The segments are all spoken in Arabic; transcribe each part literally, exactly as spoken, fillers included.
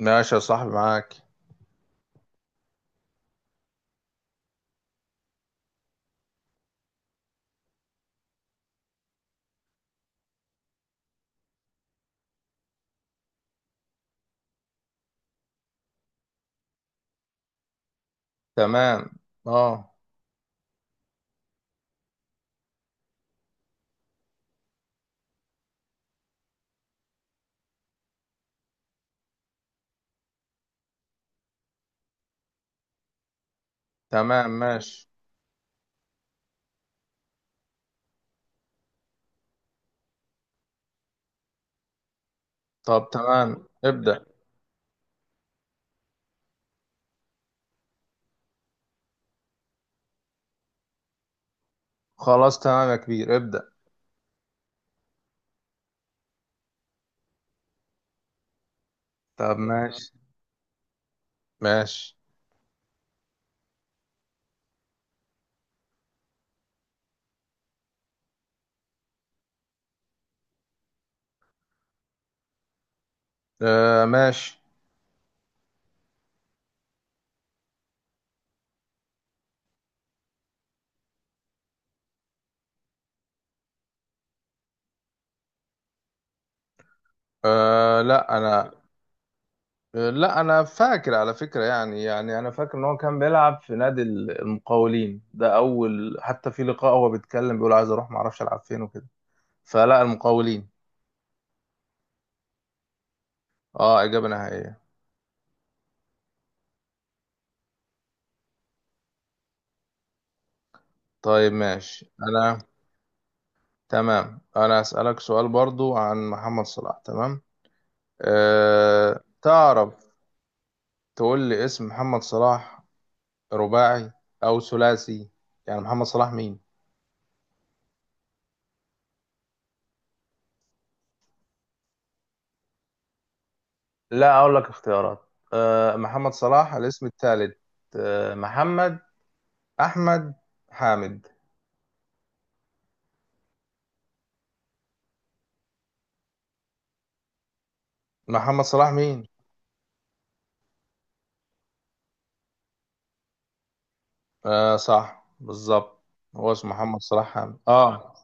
ماشي يا صاحبي، معاك. تمام. اه. تمام، ماشي. طب تمام، ابدأ. خلاص تمام يا كبير، ابدأ. طب ماشي. ماشي. آه، ماشي. آه لا انا آه لا، انا فاكر على فكرة. يعني يعني انا فاكر ان هو كان بيلعب في نادي المقاولين ده اول، حتى في لقاء هو بيتكلم بيقول عايز اروح ما اعرفش العب فين وكده. فلا، المقاولين. اه، اجابة نهائية. طيب ماشي، انا. تمام، انا اسألك سؤال برضو عن محمد صلاح. تمام. أه تعرف، تقول لي اسم محمد صلاح رباعي او ثلاثي؟ يعني محمد صلاح مين؟ لا اقول لك اختيارات. أه، محمد صلاح الاسم الثالث. أه، محمد، احمد، حامد. محمد صلاح مين؟ أه، صح بالظبط. هو اسمه محمد صلاح حامد، اه.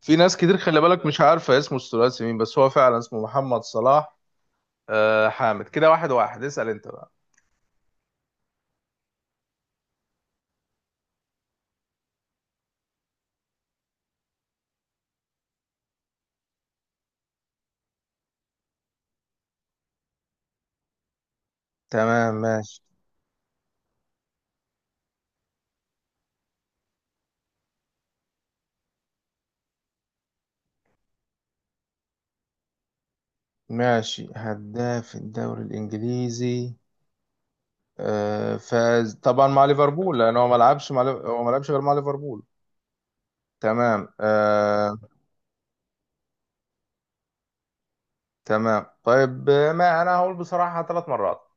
في ناس كتير خلي بالك مش عارفة اسمه الثلاثي مين، بس هو فعلا اسمه محمد صلاح أه حامد. كده واحد واحد، اسأل انت بقى. تمام، ماشي. ماشي، هداف الدوري الانجليزي. آه، فاز طبعا مع ليفربول لان هو ما لعبش مع ليف- هو ما لعبش غير مع ليفربول. تمام، آه. تمام طيب. آه، ما انا هقول بصراحة ثلاث مرات.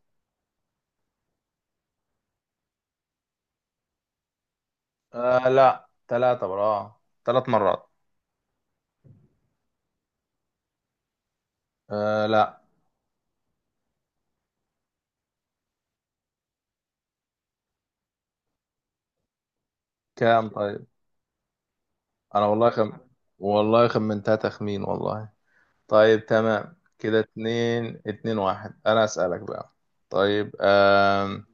آه لا، ثلاثة برا. اه، ثلاث مرات. آه لا. كام طيب؟ انا والله خم... والله خمنتها تخمين والله. طيب تمام، كده اتنين اتنين واحد. انا اسألك بقى. طيب، آه.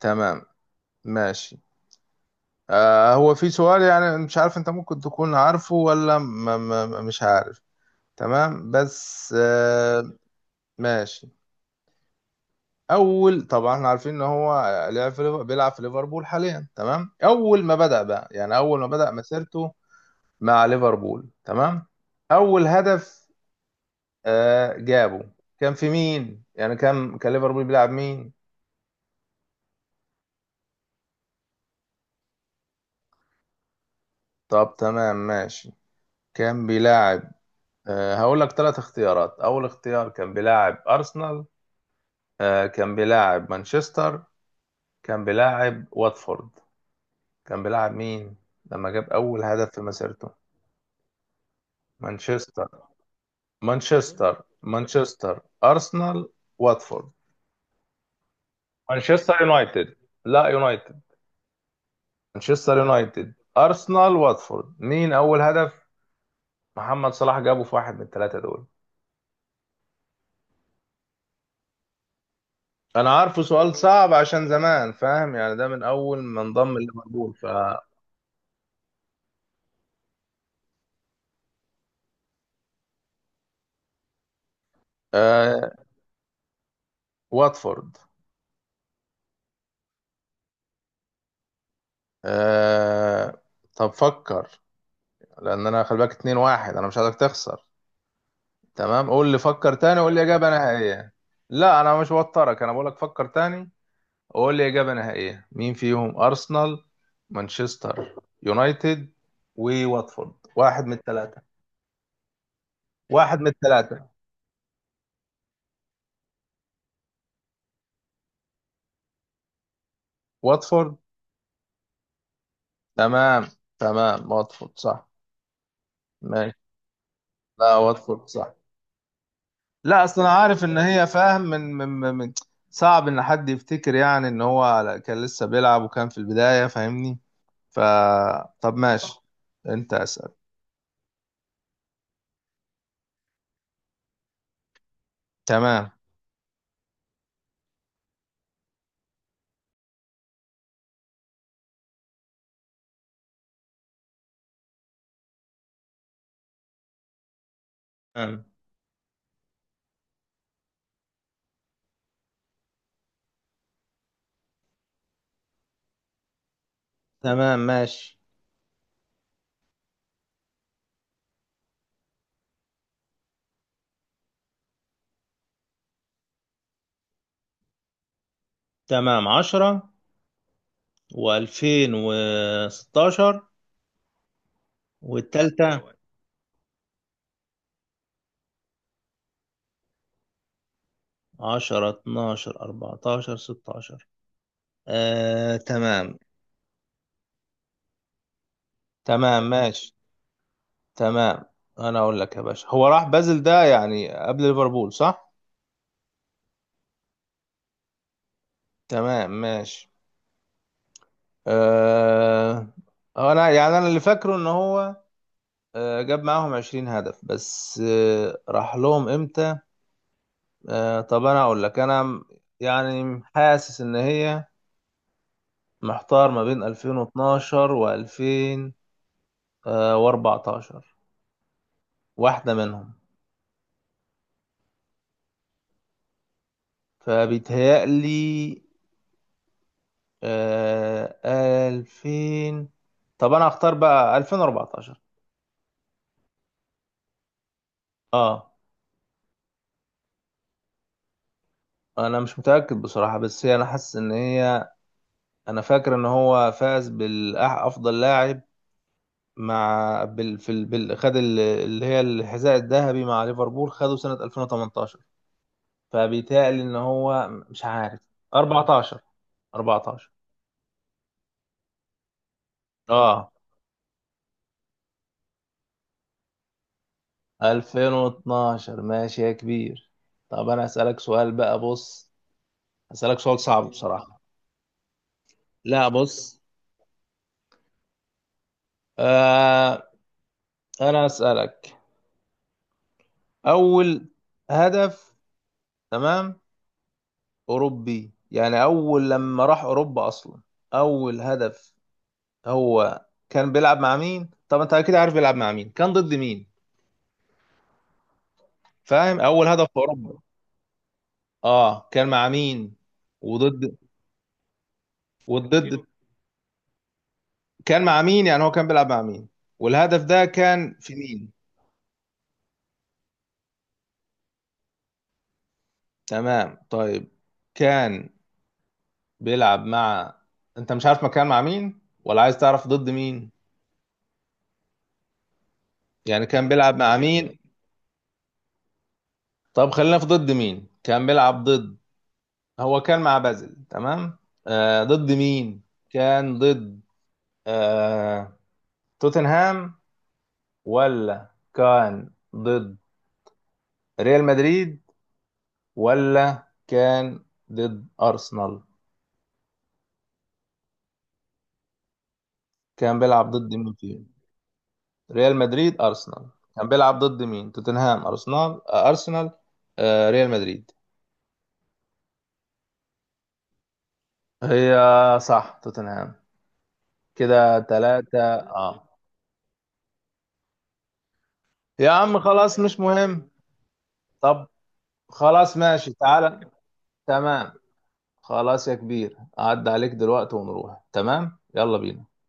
تمام ماشي. آه، هو في سؤال يعني مش عارف انت ممكن تكون عارفه ولا م م مش عارف. تمام، بس آه. ماشي. اول طبعا احنا عارفين ان هو لعب في ليفر- بيلعب في ليفربول حاليا. تمام، اول ما بدأ بقى، يعني اول ما بدأ مسيرته مع ليفربول. تمام، اول هدف آه جابه كان في مين؟ يعني كان كان ليفربول بيلعب مين؟ طب تمام ماشي. كان بيلاعب. آه، هقول لك ثلاث اختيارات. اول اختيار كان بيلاعب ارسنال. آه، كان بيلاعب مانشستر. كان بيلاعب واتفورد. كان بيلاعب مين لما جاب أول هدف في مسيرته؟ مانشستر مانشستر مانشستر، أرسنال، واتفورد. مانشستر يونايتد، لا يونايتد. مانشستر يونايتد، أرسنال، واتفورد. مين أول هدف محمد صلاح جابه في واحد من الثلاثة دول؟ أنا عارفه سؤال صعب عشان زمان، فاهم؟ يعني ده من أول ما انضم ليفربول، ف. آه، واتفورد. آه، طب فكر. لان انا خلي بالك اتنين واحد، انا مش عايزك تخسر. تمام، قول لي، فكر تاني وقول لي اجابه نهائيه. لا، انا مش بوترك، انا بقول لك فكر تاني وقول لي اجابه نهائيه. مين فيهم؟ ارسنال، مانشستر يونايتد، وواتفورد. واحد من الثلاثه. واحد من الثلاثه، واتفورد. تمام. تمام، واتفورد صح. ماشي. لا، واتفورد صح. لا اصل انا عارف ان هي، فاهم، من من من من- صعب ان حد يفتكر، يعني ان هو كان لسه بيلعب وكان في البدايه، فاهمني؟ ف، طب ماشي. انت اسأل. تمام. تمام. تمام ماشي. تمام، عشرة، وألفين وستاشر، والتالتة، عشرة اتناشر أربعتاشر ستاشر. آه تمام. تمام ماشي. تمام، انا اقول لك يا باشا، هو راح بازل ده يعني قبل ليفربول، صح؟ تمام، ماشي. أه... انا يعني انا اللي فاكره ان هو آه، جاب معاهم عشرين هدف، بس آه، راح لهم امتى؟ آه، طب انا اقول لك، انا م-، يعني حاسس ان هي محتار ما بين ألفين واتناشر و2014، واحدة منهم. فبيتهيألي، آه، ألفين، طب انا اختار بقى ألفين وأربعة عشر. اه. انا مش متأكد بصراحة، بس هي انا حاسس ان هي. انا فاكر ان هو فاز بالافضل لاعب مع بال... في ال... بال... خد ال- اللي هي الحذاء الذهبي مع ليفربول، خده سنة ألفين وتمنتاشر. فبيتهيألي ان هو مش عارف. أربعة عشر. أربعة عشر. اه. ألفين واثنا عشر، ماشي يا كبير. طب انا اسالك سؤال بقى، بص. اسالك سؤال صعب بصراحة. لا بص. آه. انا اسالك اول هدف. تمام. اوروبي، يعني اول لما راح اوروبا اصلا. اول هدف، هو كان بيلعب مع مين؟ طب انت اكيد عارف بيلعب مع مين، كان ضد مين؟ فاهم؟ اول هدف في اوروبا، اه كان مع مين، وضد؟ والضد كان مع مين، يعني هو كان بيلعب مع مين، والهدف ده كان في مين؟ تمام طيب. كان بيلعب مع، انت مش عارف مكان مع مين ولا عايز تعرف ضد مين؟ يعني كان بيلعب مع مين؟ طب خلينا في ضد مين كان بيلعب ضد. هو كان مع بازل، تمام. آه، ضد مين؟ كان ضد، آه، توتنهام؟ ولا كان ضد ريال مدريد؟ ولا كان ضد أرسنال؟ كان بيلعب ضد مين فيهم؟ ريال مدريد، أرسنال. كان بيلعب ضد مين؟ توتنهام، أرسنال، آه، أرسنال، آه، ريال مدريد. هي. صح، توتنهام. كده تلاتة، اه. يا عم خلاص، مش مهم. طب خلاص ماشي، تعالى. تمام. خلاص يا كبير، أعد عليك دلوقتي ونروح. تمام، يلا بينا.